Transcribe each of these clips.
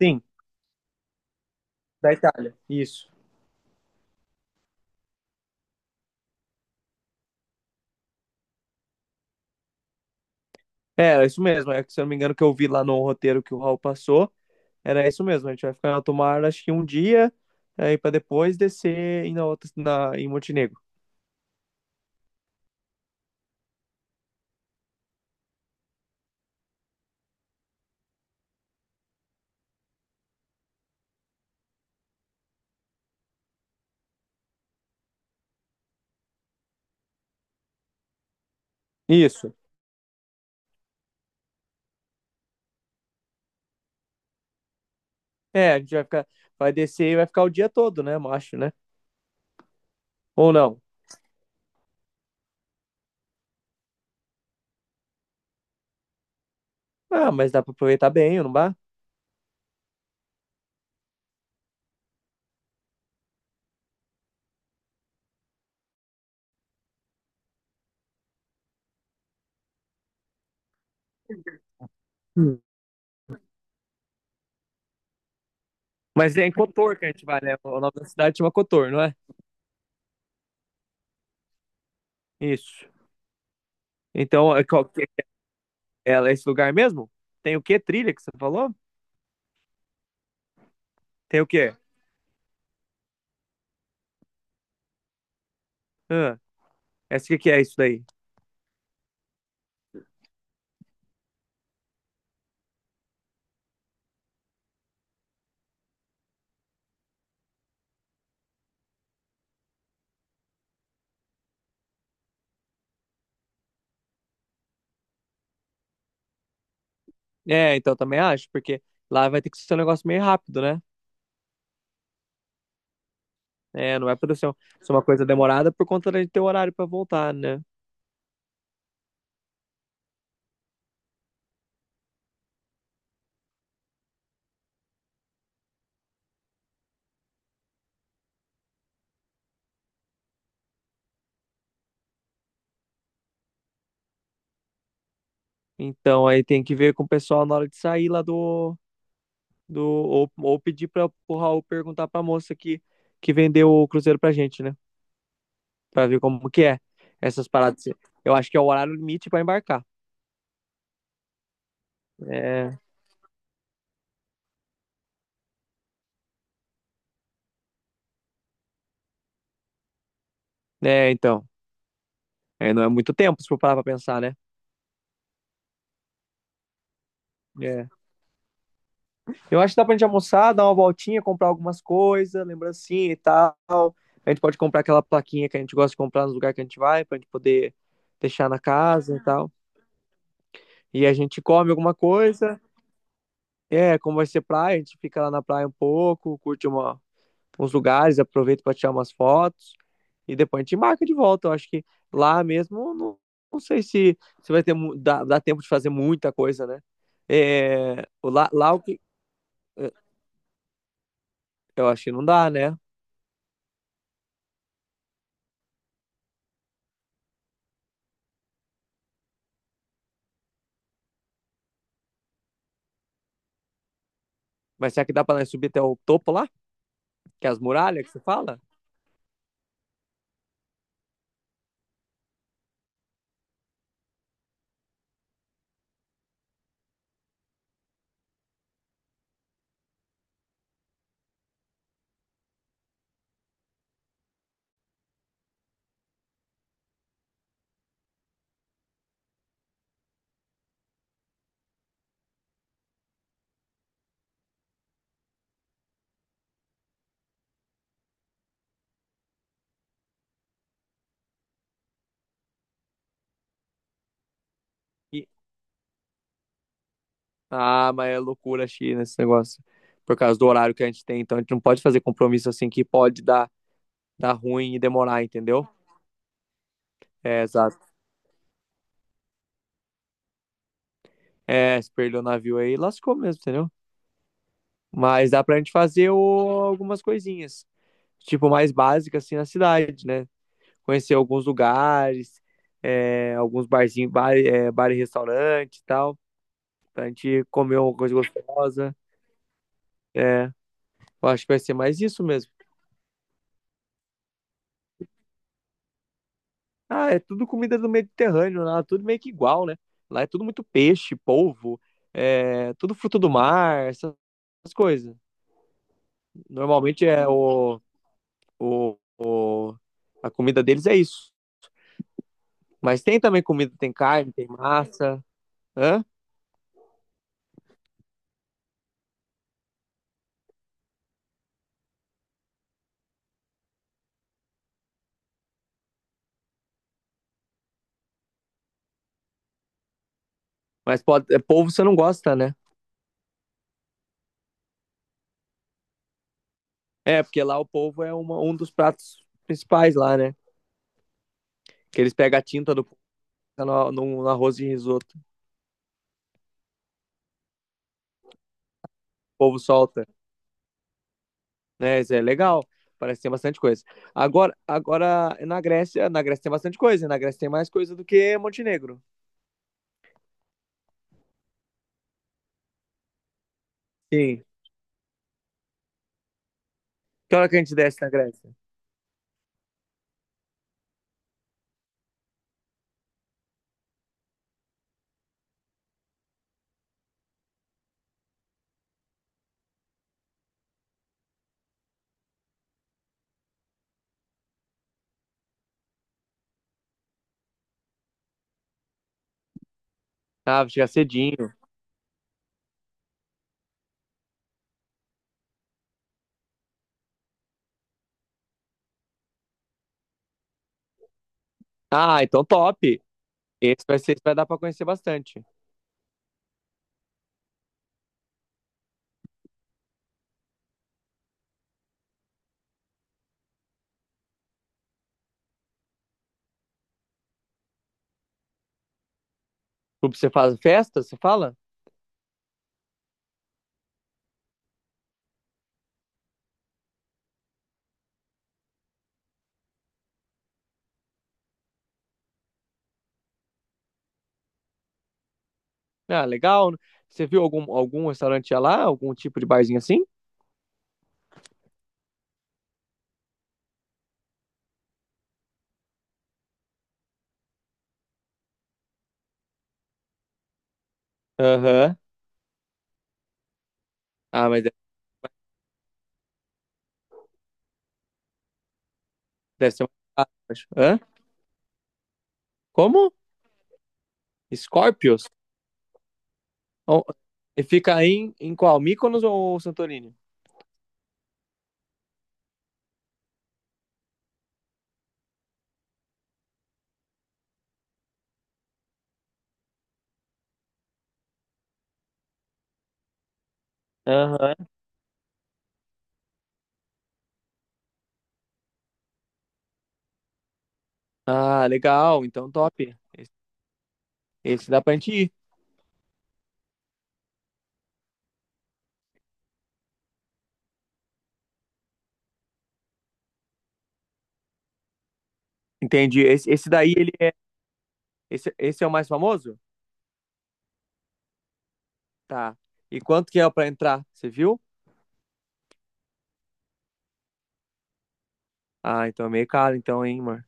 Sim, da Itália. Isso. É, era isso mesmo. É que, se eu não me engano, que eu vi lá no roteiro que o Raul passou, era isso mesmo. A gente vai ficar na Tomar, acho que um dia, aí para depois descer em Montenegro. Isso. É, a gente vai ficar, vai descer e vai ficar o dia todo, né, macho, né? Ou não? Ah, mas dá para aproveitar bem, não dá? Hum. Mas é em Cotor que a gente vai, né? O nome da cidade chama Cotor, não é? Isso. Então, é qual que- é É esse lugar mesmo? Tem o quê? Trilha que você falou? Tem o quê? Ah, essa que é isso daí? É, então também acho, porque lá vai ter que ser um negócio meio rápido, né? É, não vai poder ser, um- ser uma coisa demorada por conta de ter horário pra voltar, né? Então aí tem que ver com o pessoal na hora de sair lá do, ou pedir para o Raul perguntar pra moça que vendeu o cruzeiro pra gente, né? Pra ver como que é essas paradas. Eu acho que é o horário limite pra embarcar. É, é, então, não é muito tempo se for parar pra pensar, né? É, Eu acho que dá pra gente almoçar, dar uma voltinha, comprar algumas coisas, lembrancinha e tal. A gente pode comprar aquela plaquinha que a gente gosta de comprar nos lugares que a gente vai, pra gente poder deixar na casa e tal. E a gente come alguma coisa. É, como vai ser praia, a gente fica lá na praia um pouco, uns lugares, aproveita pra tirar umas fotos. E depois a gente marca de volta. Eu acho que lá mesmo, não, não sei se, se vai ter, mu- dá, dá tempo de fazer muita coisa, né? É, lá, lá o que. Eu acho que não dá, né? Mas será que dá pra nós subir até o topo lá? Que é as muralhas que você fala? E- Ah, mas é loucura, China, esse negócio. Por causa do horário que a gente tem. Então a gente não pode fazer compromisso assim dar ruim e demorar, entendeu? É, exato. É, se perdeu o navio aí, lascou mesmo, entendeu? Mas dá pra gente fazer algumas coisinhas. Tipo, mais básicas assim na cidade, né? Conhecer alguns lugares, é, alguns barzinhos, bar, é, bar e restaurante e tal. Pra gente comer uma coisa gostosa. É, eu acho que vai ser mais isso mesmo. Ah, é tudo comida do Mediterrâneo, lá, tudo meio que igual, né? Lá é tudo muito peixe, polvo, é tudo fruto do mar, essas coisas. Normalmente o, o- a comida deles é isso. Mas tem também comida, tem carne, tem massa, hã? Mas pode, é, polvo você não gosta, né? É, porque lá o polvo é uma- um dos pratos principais lá, né? Que eles pegam a tinta do polvo no arroz de risoto, o polvo solta. Né? Isso é legal. Parece que tem bastante coisa. Agora na Grécia tem bastante coisa. Na Grécia tem mais coisa do que Montenegro. Sim. Que hora que a gente desce na Grécia? Ah, vai chegar cedinho. Ah, então top. Esse vai ser, vai dar para conhecer bastante. Tipo, você faz festa, você fala? Ah, legal. Você viu algum restaurante lá? Algum tipo de barzinho assim? Aham. Ah, mas deve, deve ser mais caro, eu acho. Hã? Como? Scorpios? Oh, e fica aí em qual? Mykonos ou Santorini? Aham. Ah, legal. Então, top. Esse dá pra gente ir. Entendi. Esse daí, ele é. Esse é o mais famoso? Tá. E quanto que é pra entrar? Você viu? Ah, então é meio caro, então, hein, amor?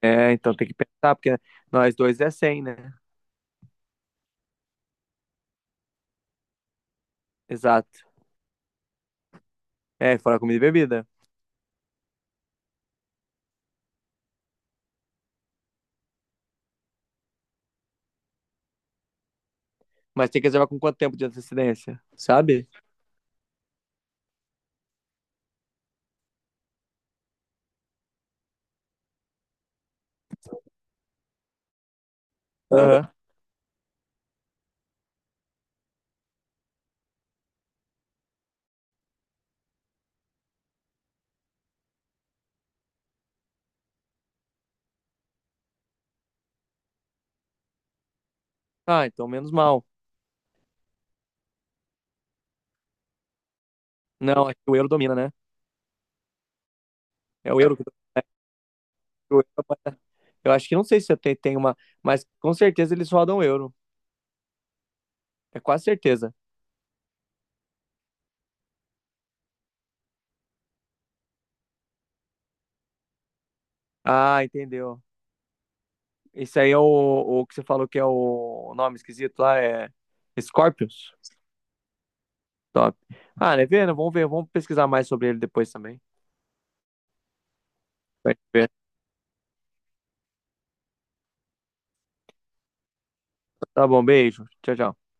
É, então tem que pensar, porque nós dois é 100, né? Exato. É, fora comida e bebida. Mas tem que reservar com quanto tempo de antecedência? Sabe? Aham. Ah, então menos mal. Não, acho que o euro domina, né? É o euro que o euro é- Eu acho que não sei se eu tenho, tenho uma. Mas com certeza eles rodam o euro. É quase certeza. Ah, entendeu. Esse aí o que você falou que é o nome esquisito lá, é Scorpions. Top. Ah, né, vendo? Vamos ver, vamos pesquisar mais sobre ele depois também. Vai ver. Tá bom, beijo. Tchau, tchau.